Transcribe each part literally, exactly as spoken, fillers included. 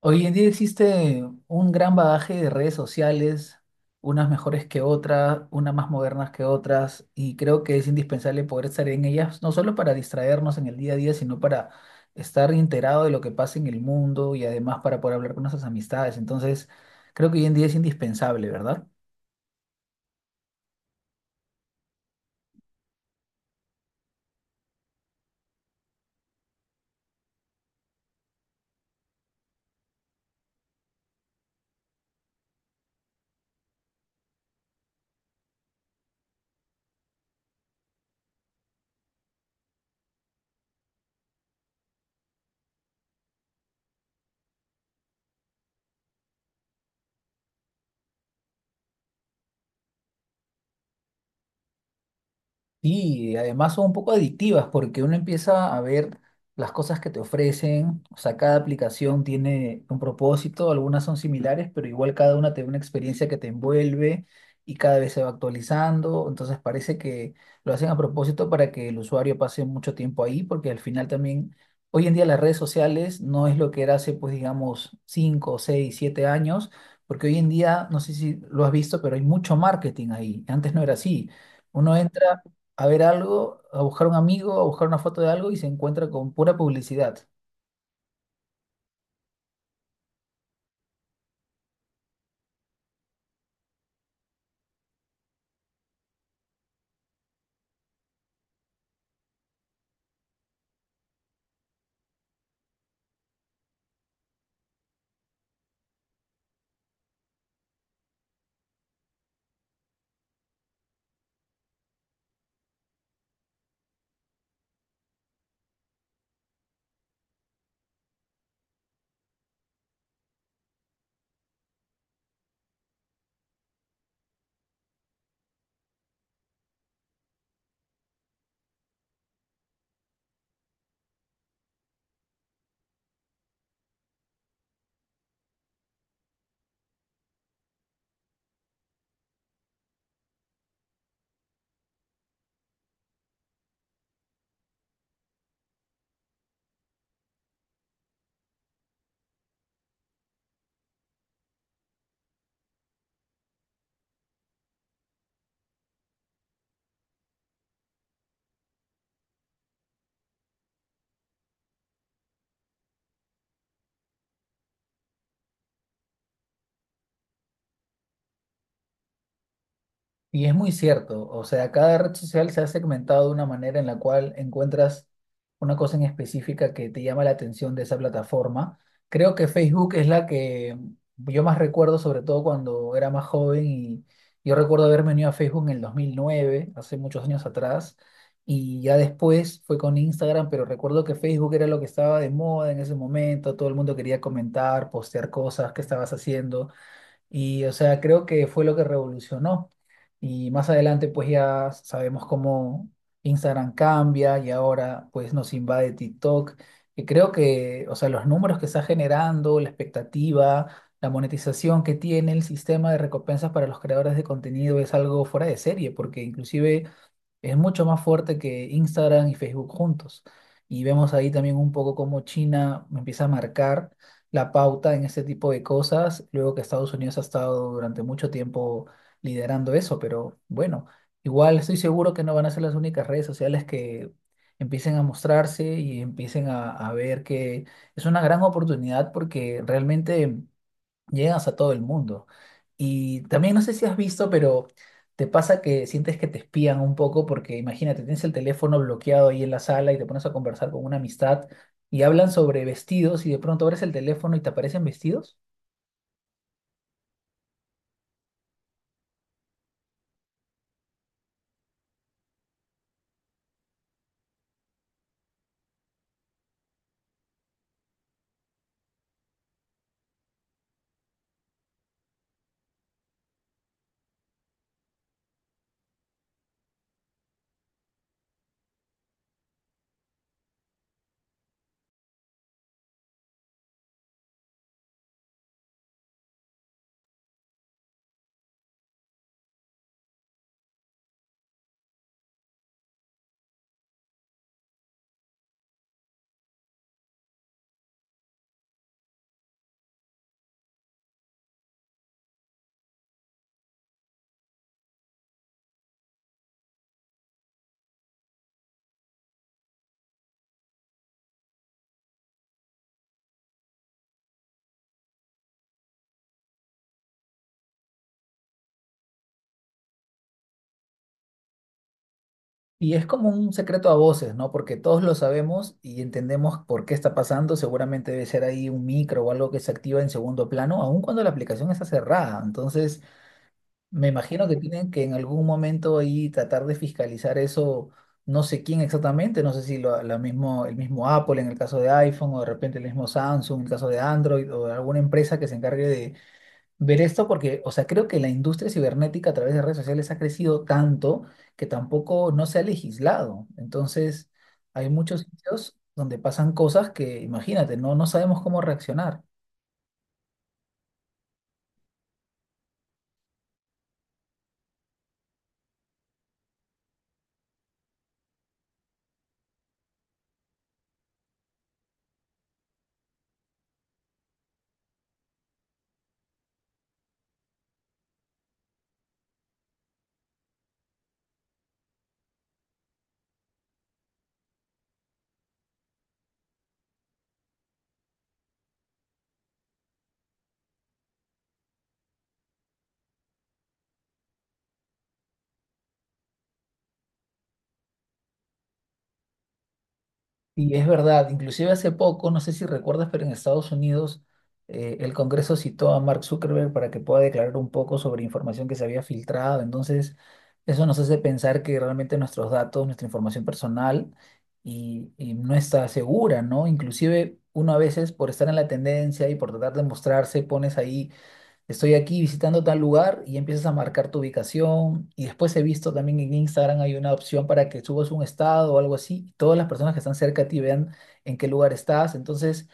Hoy en día existe un gran bagaje de redes sociales, unas mejores que otras, unas más modernas que otras, y creo que es indispensable poder estar en ellas, no solo para distraernos en el día a día, sino para estar enterado de lo que pasa en el mundo y además para poder hablar con nuestras amistades. Entonces, creo que hoy en día es indispensable, ¿verdad? Sí, y además son un poco adictivas porque uno empieza a ver las cosas que te ofrecen, o sea, cada aplicación tiene un propósito, algunas son similares, pero igual cada una te da una experiencia que te envuelve y cada vez se va actualizando, entonces parece que lo hacen a propósito para que el usuario pase mucho tiempo ahí, porque al final también, hoy en día las redes sociales no es lo que era hace, pues digamos, cinco, seis, siete años, porque hoy en día, no sé si lo has visto, pero hay mucho marketing ahí, antes no era así. Uno entra a ver algo, a buscar un amigo, a buscar una foto de algo y se encuentra con pura publicidad. Y es muy cierto, o sea, cada red social se ha segmentado de una manera en la cual encuentras una cosa en específica que te llama la atención de esa plataforma. Creo que Facebook es la que yo más recuerdo, sobre todo cuando era más joven y yo recuerdo haberme unido a Facebook en el dos mil nueve, hace muchos años atrás, y ya después fue con Instagram, pero recuerdo que Facebook era lo que estaba de moda en ese momento, todo el mundo quería comentar, postear cosas, qué estabas haciendo. Y, o sea, creo que fue lo que revolucionó. Y más adelante, pues ya sabemos cómo Instagram cambia y ahora, pues nos invade TikTok. Y creo que, o sea, los números que está generando, la expectativa, la monetización que tiene el sistema de recompensas para los creadores de contenido es algo fuera de serie, porque inclusive es mucho más fuerte que Instagram y Facebook juntos. Y vemos ahí también un poco cómo China empieza a marcar la pauta en este tipo de cosas, luego que Estados Unidos ha estado durante mucho tiempo liderando eso, pero bueno, igual estoy seguro que no van a ser las únicas redes sociales que empiecen a, mostrarse y empiecen a, a ver que es una gran oportunidad porque realmente llegas a todo el mundo. Y también no sé si has visto, pero te pasa que sientes que te espían un poco porque imagínate, tienes el teléfono bloqueado ahí en la sala y te pones a conversar con una amistad y hablan sobre vestidos y de pronto abres el teléfono y te aparecen vestidos. Y es como un secreto a voces, ¿no? Porque todos lo sabemos y entendemos por qué está pasando. Seguramente debe ser ahí un micro o algo que se activa en segundo plano, aun cuando la aplicación está cerrada. Entonces, me imagino que tienen que en algún momento ahí tratar de fiscalizar eso, no sé quién exactamente, no sé si lo, la mismo, el mismo Apple en el caso de iPhone o de repente el mismo Samsung en el caso de Android o alguna empresa que se encargue de ver esto, porque, o sea, creo que la industria cibernética a través de redes sociales ha crecido tanto que tampoco no se ha legislado. Entonces, hay muchos sitios donde pasan cosas que, imagínate, no, no sabemos cómo reaccionar. Y es verdad, inclusive hace poco, no sé si recuerdas, pero en Estados Unidos eh, el Congreso citó a Mark Zuckerberg para que pueda declarar un poco sobre información que se había filtrado. Entonces, eso nos hace pensar que realmente nuestros datos, nuestra información personal y, y no está segura, ¿no? Inclusive uno a veces por estar en la tendencia y por tratar de mostrarse, pones ahí estoy aquí visitando tal lugar y empiezas a marcar tu ubicación. Y después he visto también en Instagram hay una opción para que subas un estado o algo así, y todas las personas que están cerca de ti vean en qué lugar estás. Entonces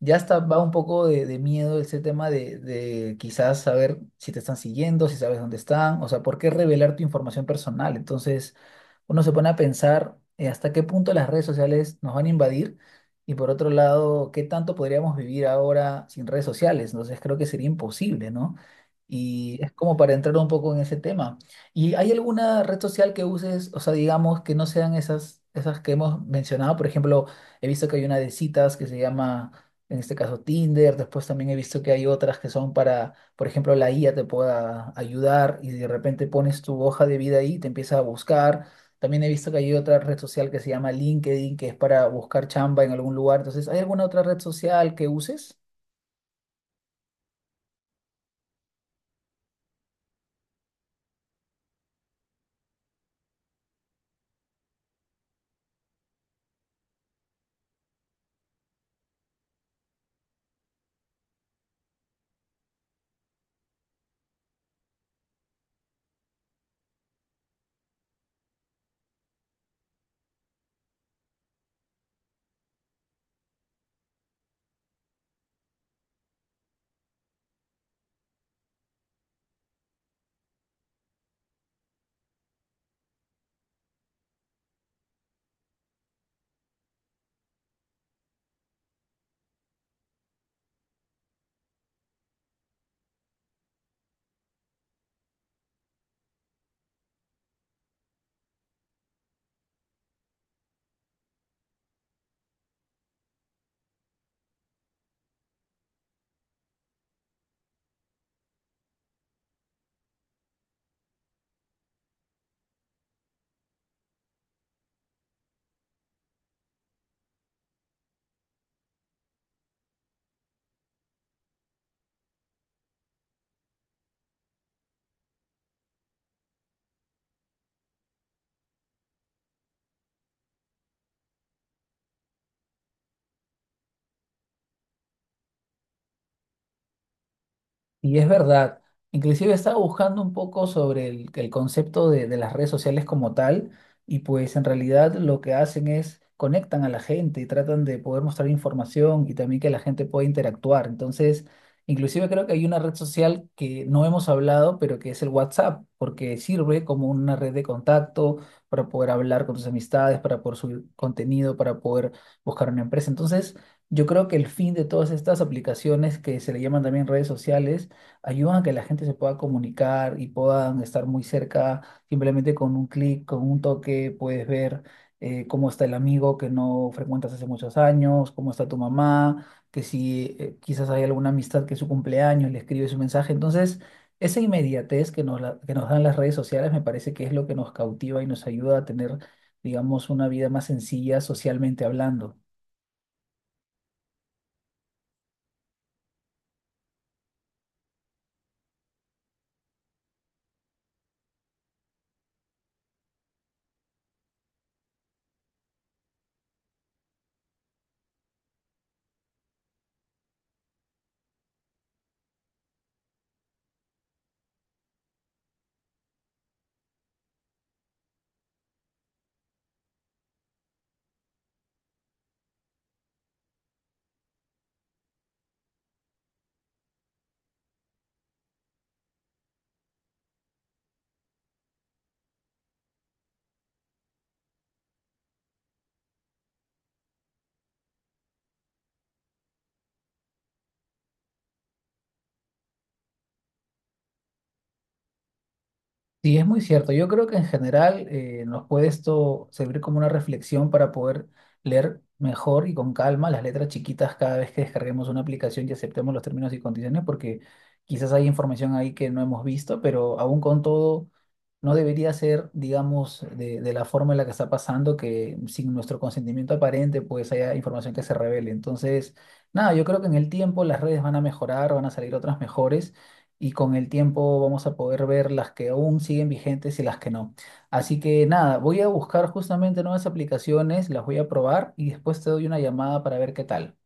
ya está, va un poco de, de miedo ese tema de, de, quizás saber si te están siguiendo, si sabes dónde están. O sea, ¿por qué revelar tu información personal? Entonces uno se pone a pensar eh, hasta qué punto las redes sociales nos van a invadir y por otro lado, qué tanto podríamos vivir ahora sin redes sociales. Entonces creo que sería imposible, ¿no? Y es como para entrar un poco en ese tema. ¿Y hay alguna red social que uses, o sea, digamos que no sean esas, esas que hemos mencionado? Por ejemplo, he visto que hay una de citas que se llama, en este caso, Tinder. Después también he visto que hay otras que son para, por ejemplo, la I A te pueda ayudar y de repente pones tu hoja de vida ahí, te empieza a buscar. También he visto que hay otra red social que se llama LinkedIn, que es para buscar chamba en algún lugar. Entonces, ¿hay alguna otra red social que uses? Y es verdad, inclusive estaba buscando un poco sobre el, el concepto de, de las redes sociales como tal y pues en realidad lo que hacen es conectan a la gente y tratan de poder mostrar información y también que la gente pueda interactuar. Entonces, inclusive creo que hay una red social que no hemos hablado, pero que es el WhatsApp, porque sirve como una red de contacto para poder hablar con tus amistades, para poder subir contenido, para poder buscar una empresa. Entonces, yo creo que el fin de todas estas aplicaciones que se le llaman también redes sociales, ayudan a que la gente se pueda comunicar y puedan estar muy cerca, simplemente con un clic, con un toque, puedes ver eh, cómo está el amigo que no frecuentas hace muchos años, cómo está tu mamá, que si eh, quizás hay alguna amistad que es su cumpleaños, le escribes un mensaje. Entonces, esa inmediatez que nos, la- que nos dan las redes sociales me parece que es lo que nos cautiva y nos ayuda a tener, digamos, una vida más sencilla socialmente hablando. Sí, es muy cierto. Yo creo que en general eh, nos puede esto servir como una reflexión para poder leer mejor y con calma las letras chiquitas cada vez que descarguemos una aplicación y aceptemos los términos y condiciones, porque quizás hay información ahí que no hemos visto, pero aún con todo no debería ser, digamos, de, de, la forma en la que está pasando que sin nuestro consentimiento aparente pues haya información que se revele. Entonces, nada, yo creo que en el tiempo las redes van a mejorar, van a salir otras mejores y con el tiempo vamos a poder ver las que aún siguen vigentes y las que no. Así que nada, voy a buscar justamente nuevas aplicaciones, las voy a probar y después te doy una llamada para ver qué tal.